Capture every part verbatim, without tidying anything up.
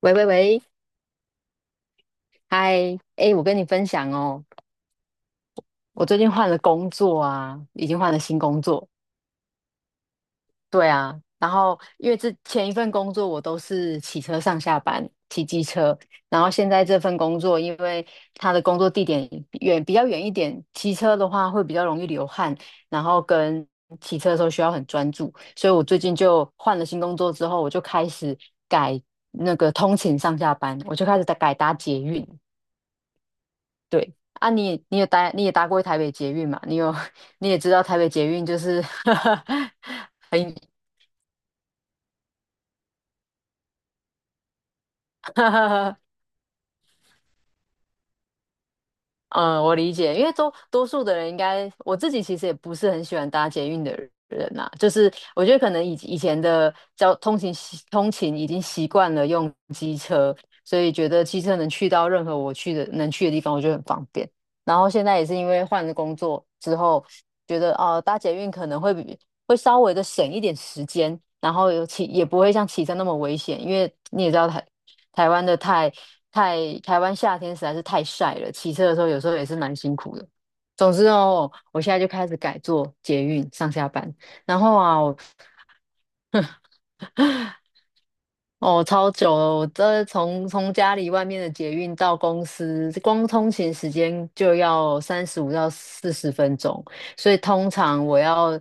喂喂喂，嗨，哎，我跟你分享哦，我最近换了工作啊，已经换了新工作。对啊，然后因为之前一份工作我都是骑车上下班，骑机车，然后现在这份工作，因为它的工作地点远比较远一点，骑车的话会比较容易流汗，然后跟骑车的时候需要很专注，所以我最近就换了新工作之后，我就开始改那个通勤上下班，我就开始改搭捷运。对啊你，也你也搭你也搭过台北捷运嘛？你有 你也知道台北捷运就是 很 嗯，我理解，因为多多数的人应该，我自己其实也不是很喜欢搭捷运的人呐、就是我觉得可能以以前的交通勤习通勤已经习惯了用机车，所以觉得机车能去到任何我去的能去的地方，我觉得很方便。然后现在也是因为换了工作之后，觉得哦、搭捷运可能会比会稍微的省一点时间，然后尤其也不会像骑车那么危险，因为你也知道台台湾的太太台湾夏天实在是太晒了，骑车的时候有时候也是蛮辛苦的。总之哦，我现在就开始改坐捷运上下班，然后啊，我哦，超久了！我这从从家里外面的捷运到公司，光通勤时间就要三十五到四十分钟，所以通常我要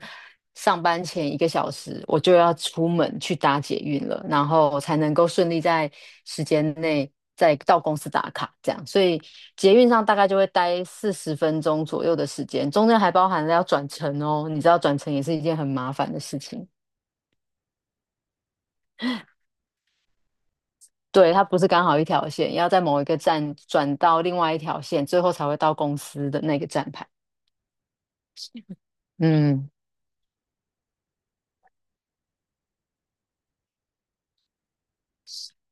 上班前一个小时，我就要出门去搭捷运了，然后才能够顺利在时间内再到公司打卡，这样。所以捷运上大概就会待四十分钟左右的时间，中间还包含了要转乘哦，你知道转乘也是一件很麻烦的事情。对，它不是刚好一条线，要在某一个站转到另外一条线，最后才会到公司的那个站牌。嗯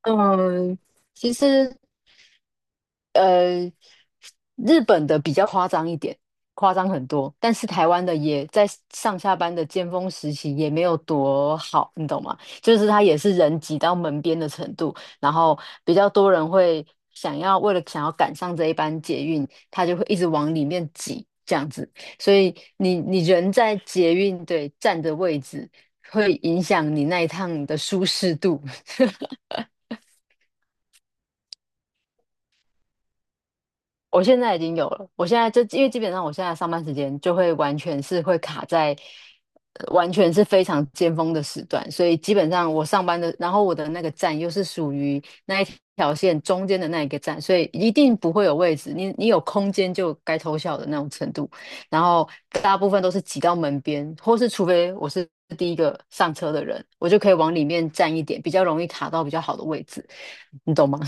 嗯，其实呃，日本的比较夸张一点，夸张很多，但是台湾的也在上下班的尖峰时期也没有多好，你懂吗？就是它也是人挤到门边的程度，然后比较多人会想要为了想要赶上这一班捷运，他就会一直往里面挤这样子，所以你你人在捷运对站的位置会影响你那一趟的舒适度。我现在已经有了，我现在就因为基本上我现在上班时间就会完全是会卡在，呃完全是非常尖峰的时段，所以基本上我上班的，然后我的那个站又是属于那一条线中间的那一个站，所以一定不会有位置，你你有空间就该偷笑的那种程度，然后大部分都是挤到门边，或是除非我是第一个上车的人，我就可以往里面站一点，比较容易卡到比较好的位置，你懂吗？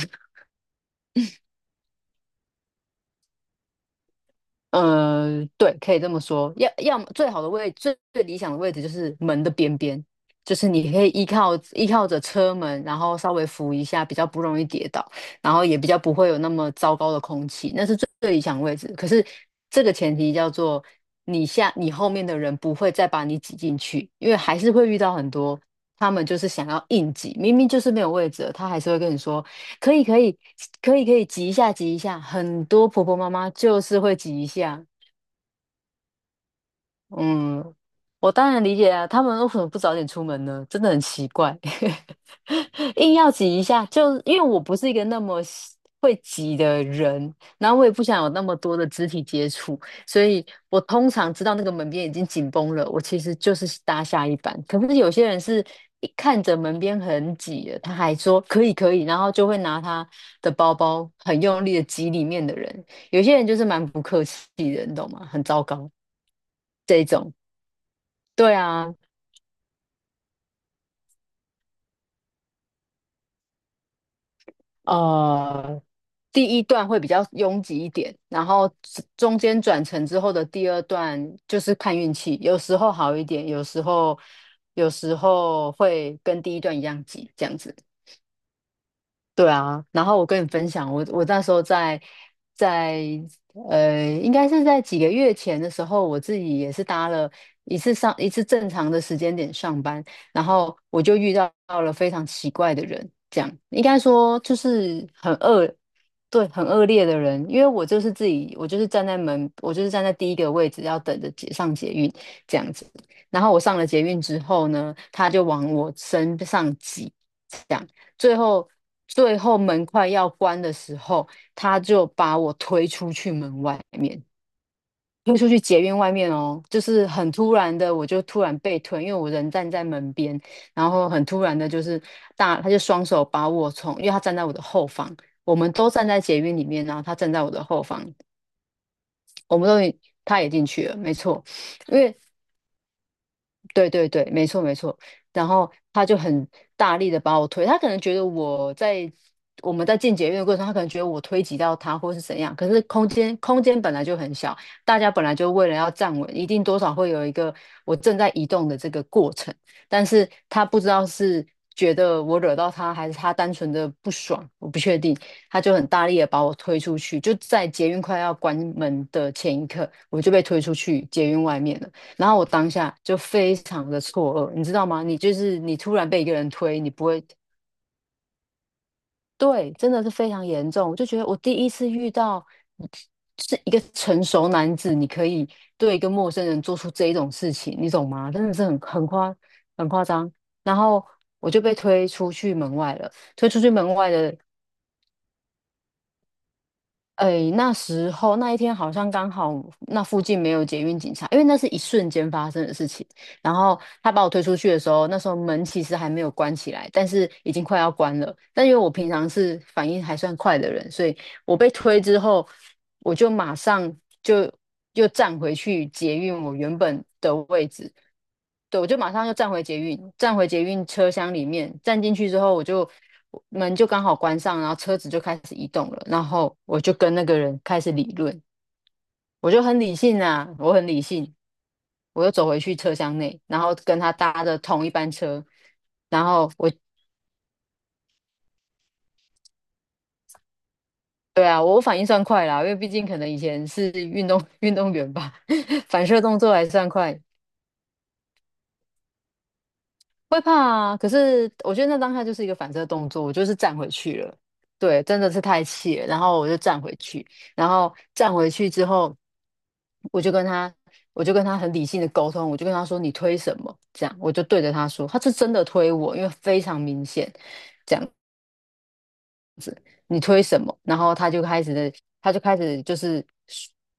呃，对，可以这么说。要要么最好的位，最最理想的位置就是门的边边，就是你可以依靠依靠着车门，然后稍微扶一下，比较不容易跌倒，然后也比较不会有那么糟糕的空气，那是最最理想的位置。可是这个前提叫做你下你后面的人不会再把你挤进去，因为还是会遇到很多他们就是想要硬挤，明明就是没有位置了他还是会跟你说。可以可以可以可以挤一下挤一下，很多婆婆妈妈就是会挤一下，嗯，我当然理解啊，他们为什么不早点出门呢？真的很奇怪，硬要挤一下，就因为我不是一个那么喜会挤的人，然后我也不想有那么多的肢体接触，所以我通常知道那个门边已经紧绷了，我其实就是搭下一班。可是有些人是一看着门边很挤了，他还说可以可以，然后就会拿他的包包很用力的挤里面的人。有些人就是蛮不客气的，你懂吗？很糟糕这一种。对啊，呃，第一段会比较拥挤一点，然后中中间转乘之后的第二段就是看运气，有时候好一点，有时候有时候会跟第一段一样挤，这样子。对啊，然后我跟你分享，我我那时候在在呃，应该是在几个月前的时候，我自己也是搭了一次上一次正常的时间点上班，然后我就遇到了非常奇怪的人，这样应该说就是很恶，对，很恶劣的人，因为我就是自己，我就是站在门，我就是站在第一个位置，要等着捷上捷运这样子，然后我上了捷运之后呢，他就往我身上挤。讲，最后最后门快要关的时候，他就把我推出去门外面，推出去捷运外面哦，就是很突然的，我就突然被推，因为我人站在门边，然后很突然的，就是大他就双手把我从，因为他站在我的后方，我们都站在捷运里面，然后他站在我的后方，我们都已他也进去了，没错，因为对对对，没错没错。然后他就很大力的把我推，他可能觉得我在我们在进捷运的过程中他可能觉得我推挤到他或是怎样。可是空间空间本来就很小，大家本来就为了要站稳，一定多少会有一个我正在移动的这个过程。但是他不知道是觉得我惹到他，还是他单纯的不爽，我不确定。他就很大力的把我推出去，就在捷运快要关门的前一刻，我就被推出去捷运外面了。然后我当下就非常的错愕，你知道吗？你就是你突然被一个人推，你不会，对，真的是非常严重。我就觉得我第一次遇到是一个成熟男子，你可以对一个陌生人做出这一种事情，你懂吗？真的是很很夸很夸张。然后我就被推出去门外了。推出去门外的哎，那时候那一天好像刚好那附近没有捷运警察，因为那是一瞬间发生的事情。然后他把我推出去的时候，那时候门其实还没有关起来，但是已经快要关了。但因为我平常是反应还算快的人，所以我被推之后，我就马上就又站回去捷运我原本的位置，对，我就马上又站回捷运，站回捷运车厢里面，站进去之后，我就门就刚好关上，然后车子就开始移动了，然后我就跟那个人开始理论，我就很理性啊，我很理性，我又走回去车厢内，然后跟他搭的同一班车，然后我对啊，我反应算快啦，因为毕竟可能以前是运动 运动员吧，反射动作还算快。会怕啊，可是我觉得那当下就是一个反射动作，我就是站回去了。对，真的是太气了，然后我就站回去，然后站回去之后，我就跟他，我就跟他很理性的沟通，我就跟他说你推什么，这样，我就对着他说，他是真的推我，因为非常明显。这样。你推什么？然后他就开始的，他就开始就是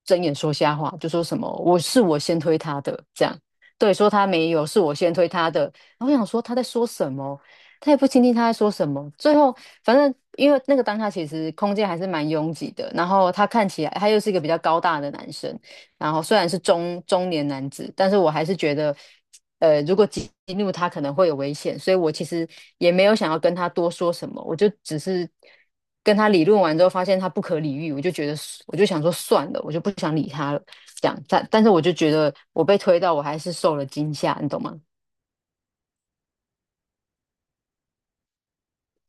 睁眼说瞎话，就说什么我是我先推他的，这样对，说他没有，是我先推他的。然后我想说他在说什么，他也不听听他在说什么。最后反正因为那个当下其实空间还是蛮拥挤的，然后他看起来他又是一个比较高大的男生，然后虽然是中中年男子，但是我还是觉得，呃，如果激怒他可能会有危险，所以我其实也没有想要跟他多说什么，我就只是跟他理论完之后，发现他不可理喻，我就觉得我就想说算了，我就不想理他了，这样。但但是我就觉得我被推到，我还是受了惊吓，你懂吗？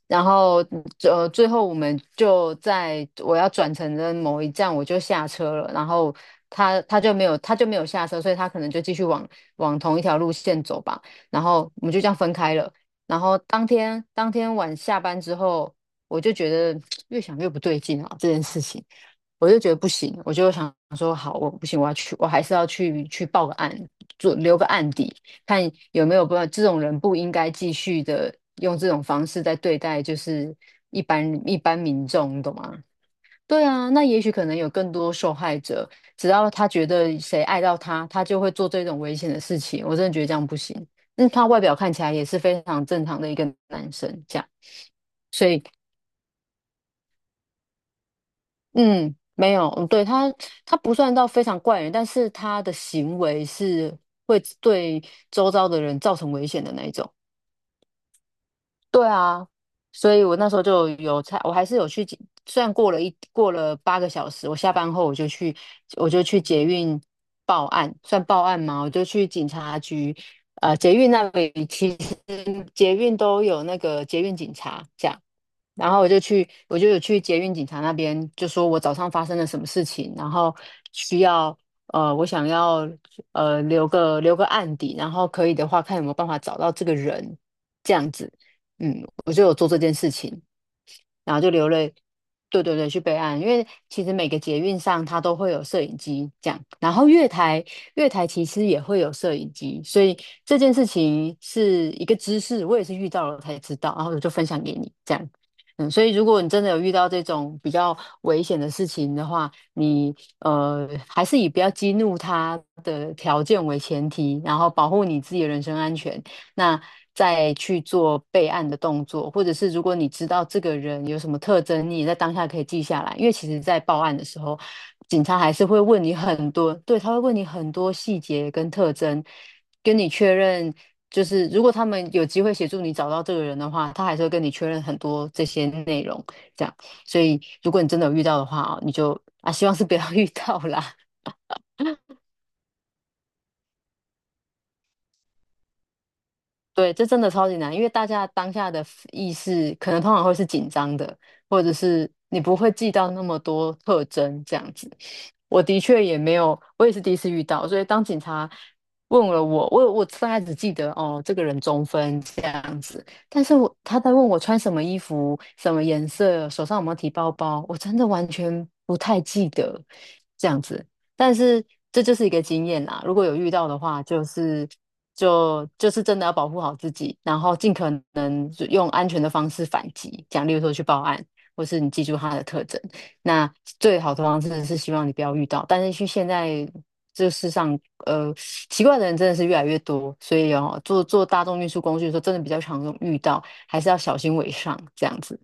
然后呃，最后我们就在我要转乘的某一站，我就下车了，然后他他就没有他就没有下车，所以他可能就继续往往同一条路线走吧，然后我们就这样分开了。然后当天当天晚下班之后，我就觉得 越想越不对劲啊，这件事情。我就觉得不行，我就想说，好，我不行，我要去，我还是要去去报个案，做留个案底，看有没有不法。这种人不应该继续的用这种方式在对待，就是一般一般民众，你懂吗？对啊，那也许可能有更多受害者，只要他觉得谁爱到他，他就会做这种危险的事情。我真的觉得这样不行。那他外表看起来也是非常正常的一个男生，这样。所以嗯，没有，嗯，对，他，他不算到非常怪人，但是他的行为是会对周遭的人造成危险的那一种。对啊，所以我那时候就有才，我还是有去捷，虽然过了一过了八个小时，我下班后我就去，我就去捷运报案，算报案吗？我就去警察局，呃，捷运那里其实捷运都有那个捷运警察。这样。然后我就去，我就有去捷运警察那边，就说我早上发生了什么事情，然后需要呃，我想要呃留个留个案底，然后可以的话看有没有办法找到这个人，这样子，嗯，我就有做这件事情。然后就留了，对对对，去备案，因为其实每个捷运上它都会有摄影机这样，然后月台月台其实也会有摄影机，所以这件事情是一个知识，我也是遇到了才知道，然后我就分享给你这样。嗯，所以如果你真的有遇到这种比较危险的事情的话，你呃还是以不要激怒他的条件为前提，然后保护你自己的人身安全。那再去做备案的动作，或者是如果你知道这个人有什么特征，你也在当下可以记下来，因为其实在报案的时候，警察还是会问你很多，对，他会问你很多细节跟特征，跟你确认。就是如果他们有机会协助你找到这个人的话，他还是会跟你确认很多这些内容，这样。所以如果你真的有遇到的话哦，你就啊，希望是不要 遇到啦。对，这真的超级难，因为大家当下的 f- 意识可能通常会是紧张的，或者是你不会记到那么多特征这样子。我的确也没有，我也是第一次遇到，所以当警察问了我，我我大概只记得哦，这个人中分这样子，但是我他在问我穿什么衣服、什么颜色、手上有没有提包包，我真的完全不太记得这样子。但是这就是一个经验啦，如果有遇到的话，就是。就就是真的要保护好自己，然后尽可能就用安全的方式反击，讲例如说去报案，或是你记住他的特征。那最好的方式是希望你不要遇到，但是去现在这世上，呃，奇怪的人真的是越来越多，所以哦，坐坐大众运输工具的时候，真的比较常用遇到，还是要小心为上这样子。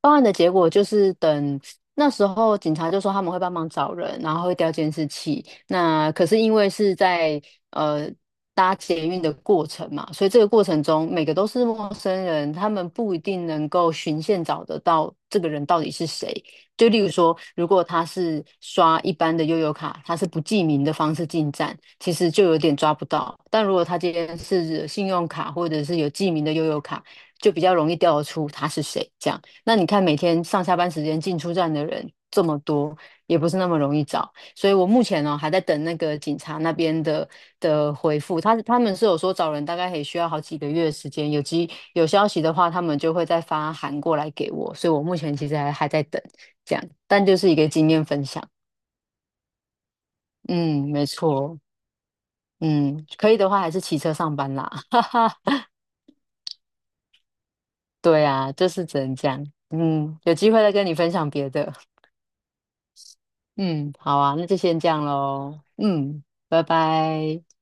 报案的结果就是等那时候警察就说他们会帮忙找人，然后会调监视器。那可是因为是在呃搭捷运的过程嘛，所以这个过程中每个都是陌生人，他们不一定能够循线找得到这个人到底是谁。就例如说，如果他是刷一般的悠游卡，他是不记名的方式进站，其实就有点抓不到。但如果他今天是信用卡或者是有记名的悠游卡，就比较容易调得出他是谁这样。那你看，每天上下班时间进出站的人这么多，也不是那么容易找。所以我目前呢、还在等那个警察那边的的回复。他他们是有说找人大概也需要好几个月的时间，有机有消息的话，他们就会再发函过来给我。所以我目前其实还还在等这样，但就是一个经验分享。嗯，没错。嗯，可以的话还是骑车上班啦。哈哈，对啊，就是只能这样。嗯，有机会再跟你分享别的。嗯，好啊，那就先这样喽。嗯，拜拜。